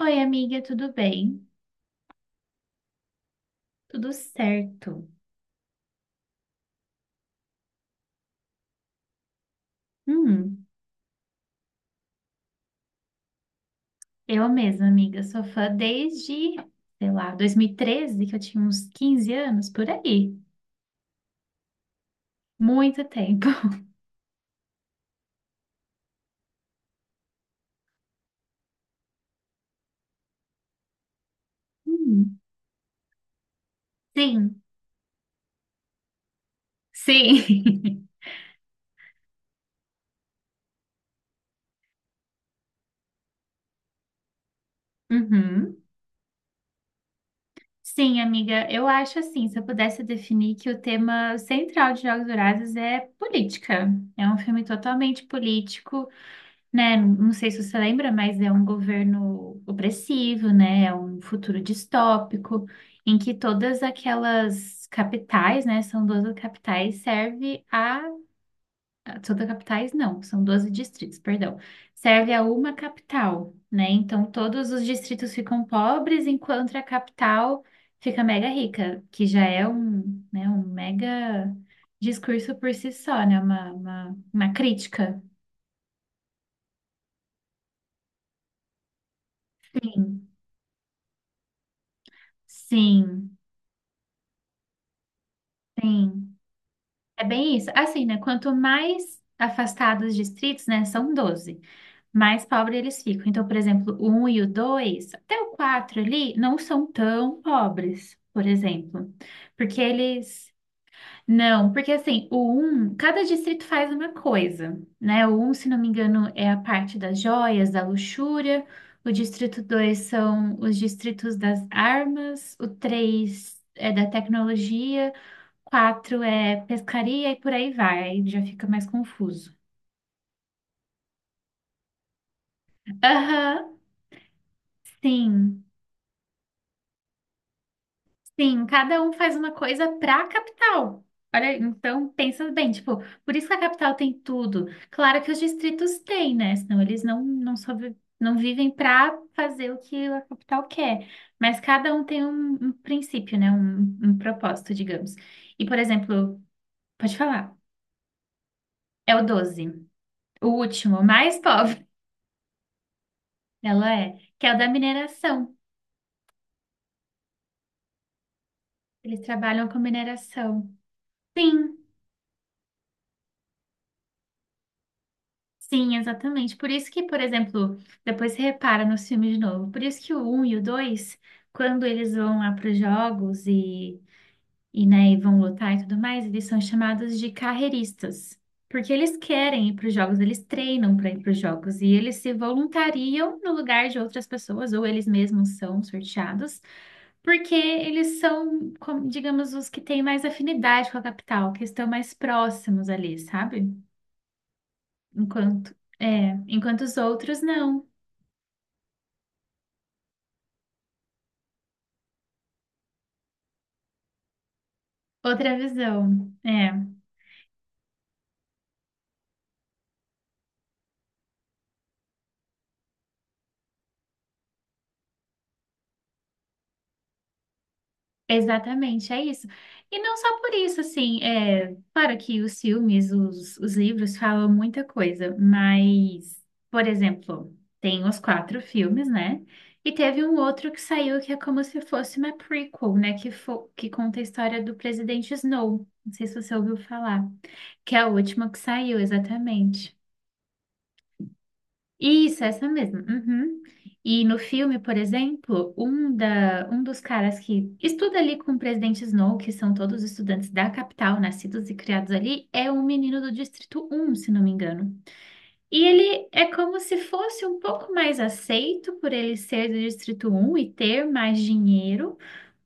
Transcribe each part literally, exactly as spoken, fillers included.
Oi, amiga, tudo bem? Tudo certo. Hum, eu mesma, amiga, sou fã desde, sei lá, dois mil e treze, que eu tinha uns quinze anos, por aí. Muito tempo. Hum, sim, sim. Uhum. Sim, amiga, eu acho assim, se eu pudesse definir que o tema central de Jogos Vorazes é política. É um filme totalmente político, né? Não sei se você lembra, mas é um governo opressivo, né? É um futuro distópico em que todas aquelas capitais, né? São doze capitais, serve a... a- Todas capitais não, são doze distritos, perdão. Serve a uma capital, né? Então todos os distritos ficam pobres enquanto a capital fica mega rica, que já é um, né, um mega discurso por si só, né? Uma, uma, uma crítica. Sim. Sim. Sim, é bem isso. Assim, né? Quanto mais afastados os distritos, né? São doze mais pobre eles ficam. Então, por exemplo, o um e o dois até o quatro ali, não são tão pobres, por exemplo. Porque eles. Não, porque assim, o um cada distrito faz uma coisa, né? O um, se não me engano, é a parte das joias, da luxúria. O distrito dois são os distritos das armas. O três é da tecnologia. Quatro é pescaria e por aí vai, aí já fica mais confuso. Aham, sim, sim, cada um faz uma coisa pra capital. Olha, então pensa bem, tipo, por isso que a capital tem tudo. Claro que os distritos têm, né? Senão eles não, não, sobre, não vivem pra fazer o que a capital quer. Mas cada um tem um, um princípio, né? Um, um propósito, digamos. E, por exemplo, pode falar, é o doze, o último, o mais pobre, ela é, que é o da mineração. Eles trabalham com mineração. Sim, sim, exatamente. Por isso que, por exemplo, depois você repara nos filmes de novo. Por isso que o um e o dois quando eles vão lá para os jogos e e né, e vão lutar e tudo mais, eles são chamados de carreiristas, porque eles querem ir para os jogos, eles treinam para ir para os jogos e eles se voluntariam no lugar de outras pessoas, ou eles mesmos são sorteados, porque eles são, como, digamos, os que têm mais afinidade com a capital, que estão mais próximos ali, sabe? Enquanto, é, enquanto os outros não. Outra visão. É. Exatamente, é isso. E não só por isso, assim, é, claro que os filmes, os, os livros falam muita coisa, mas, por exemplo, tem os quatro filmes, né? E teve um outro que saiu que é como se fosse uma prequel, né? Que, fo que conta a história do presidente Snow. Não sei se você ouviu falar, que é o último que saiu, exatamente. Isso, essa mesmo. Uhum. E no filme, por exemplo, um, da, um dos caras que estuda ali com o presidente Snow, que são todos estudantes da capital, nascidos e criados ali, é um menino do Distrito Um, se não me engano. E ele é como se fosse um pouco mais aceito por ele ser do Distrito Um e ter mais dinheiro,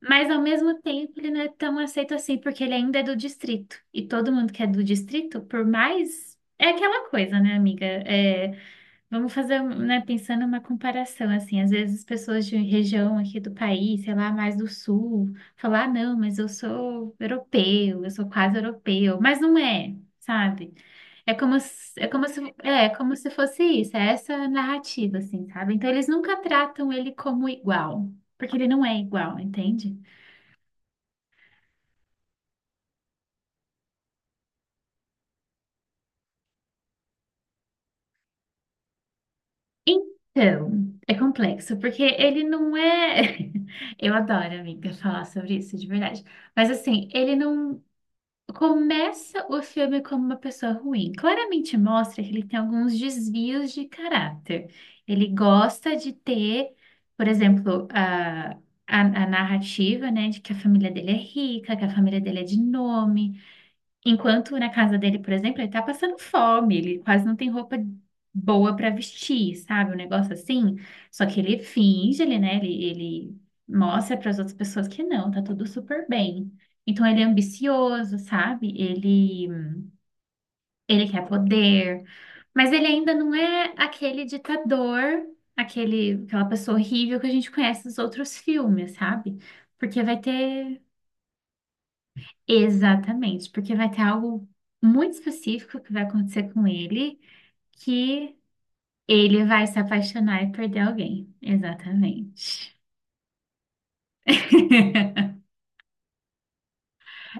mas ao mesmo tempo ele não é tão aceito assim, porque ele ainda é do distrito. E todo mundo que é do distrito, por mais. É aquela coisa, né, amiga? É, vamos fazer, né, pensando uma comparação, assim, às vezes as pessoas de região aqui do país, sei lá, mais do sul, falam, ah, não, mas eu sou europeu, eu sou quase europeu, mas não é, sabe? É como se, é como se, é é como se fosse isso, é essa narrativa, assim, sabe? Então eles nunca tratam ele como igual, porque ele não é igual, entende? Então, é complexo, porque ele não é. Eu adoro, amiga, falar sobre isso de verdade. Mas assim, ele não. Começa o filme como uma pessoa ruim. Claramente mostra que ele tem alguns desvios de caráter. Ele gosta de ter, por exemplo, a, a, a narrativa, né, de que a família dele é rica, que a família dele é de nome, enquanto na casa dele, por exemplo, ele tá passando fome, ele quase não tem roupa boa pra vestir, sabe? Um negócio assim. Só que ele finge, ele, né? Ele, ele mostra para as outras pessoas que não, tá tudo super bem. Então ele é ambicioso, sabe? Ele, ele quer poder, mas ele ainda não é aquele ditador, aquele, aquela pessoa horrível que a gente conhece nos outros filmes, sabe? Porque vai ter. Exatamente, porque vai ter algo muito específico que vai acontecer com ele, que ele vai se apaixonar e perder alguém. Exatamente.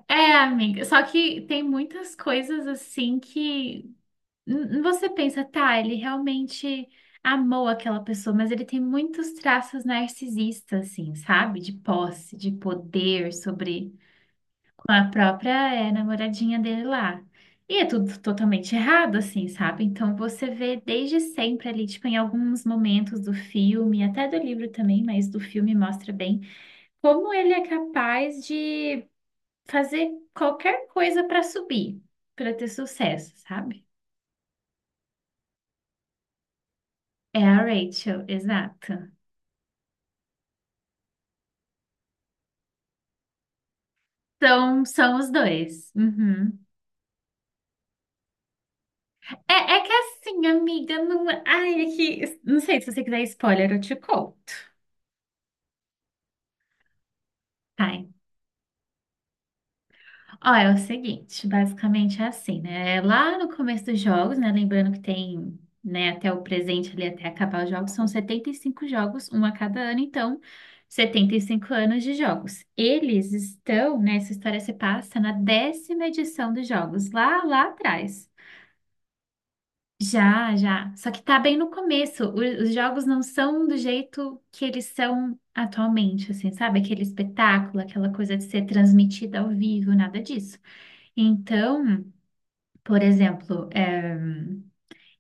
É, amiga, só que tem muitas coisas assim que n- você pensa, tá, ele realmente amou aquela pessoa, mas ele tem muitos traços narcisistas, assim, sabe? De posse, de poder sobre com a própria eh, namoradinha dele lá. E é tudo totalmente errado, assim, sabe? Então você vê desde sempre ali, tipo, em alguns momentos do filme, até do livro também, mas do filme mostra bem como ele é capaz de fazer qualquer coisa para subir, para ter sucesso, sabe? É a Rachel, exato. Então, são os dois. Uhum. É, é que assim, amiga, não. é, Ai, é que. Não sei se você quiser spoiler, eu te conto. Tá, ó, é o seguinte, basicamente é assim, né? É lá no começo dos jogos, né? Lembrando que tem, né, até o presente ali, até acabar os jogos, são setenta e cinco jogos, um a cada ano, então setenta e cinco anos de jogos. Eles estão, né? Essa história se passa na décima edição dos jogos, lá, lá atrás. Já, já. Só que tá bem no começo. O- Os jogos não são do jeito que eles são atualmente, assim, sabe? Aquele espetáculo, aquela coisa de ser transmitida ao vivo, nada disso. Então. Por exemplo, eh,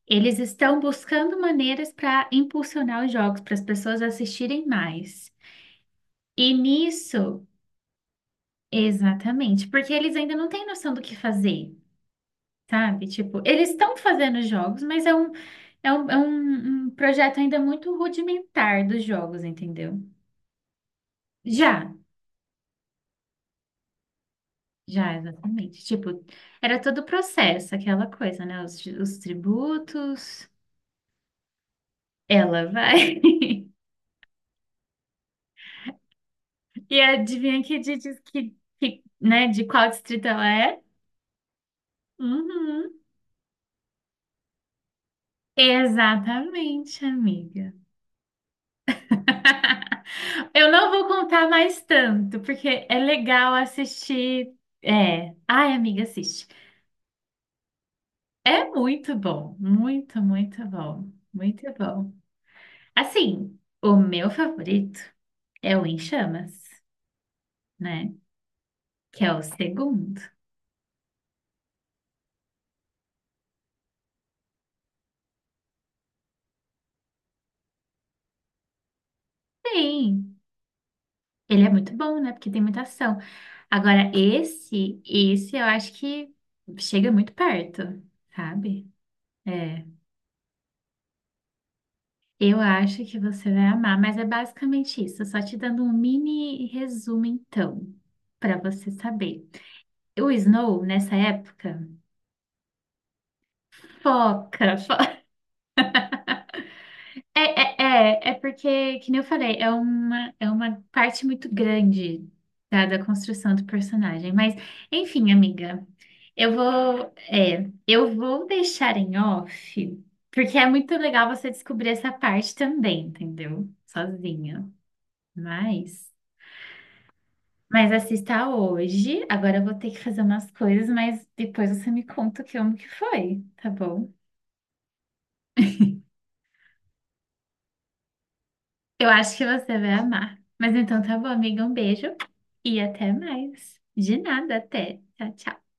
eles estão buscando maneiras para impulsionar os jogos, para as pessoas assistirem mais. E nisso, exatamente, porque eles ainda não têm noção do que fazer, sabe? Tipo, eles estão fazendo jogos, mas é um, é um, é um, um projeto ainda muito rudimentar dos jogos, entendeu? Já, já, exatamente. Tipo, era todo o processo, aquela coisa, né? Os, os tributos, ela vai. E adivinha que di- diz que, que, né, de qual distrito ela é? Uhum. Exatamente, amiga. Eu não vou contar mais tanto, porque é legal assistir. É. Ai, amiga, assiste. É muito bom, muito, muito bom, muito bom. Assim, o meu favorito é o Em Chamas, né? Que é o segundo. Sim, ele é muito bom, né? Porque tem muita ação. Agora, esse, esse eu acho que chega muito perto, sabe? É. Eu acho que você vai amar, mas é basicamente isso. Só te dando um mini resumo, então, para você saber. O Snow, nessa época, foca, foca. É, é, é, é porque, que nem eu falei, é uma, é uma parte muito grande, tá, da construção do personagem. Mas, enfim, amiga, eu vou, é, eu vou deixar em off, porque é muito legal você descobrir essa parte também, entendeu? Sozinha. Mas, mas assista hoje. Agora eu vou ter que fazer umas coisas, mas depois você me conta o que como que foi, tá bom? Eu acho que você vai amar. Mas então tá bom, amiga. Um beijo e até mais. De nada, até. Tchau, tchau.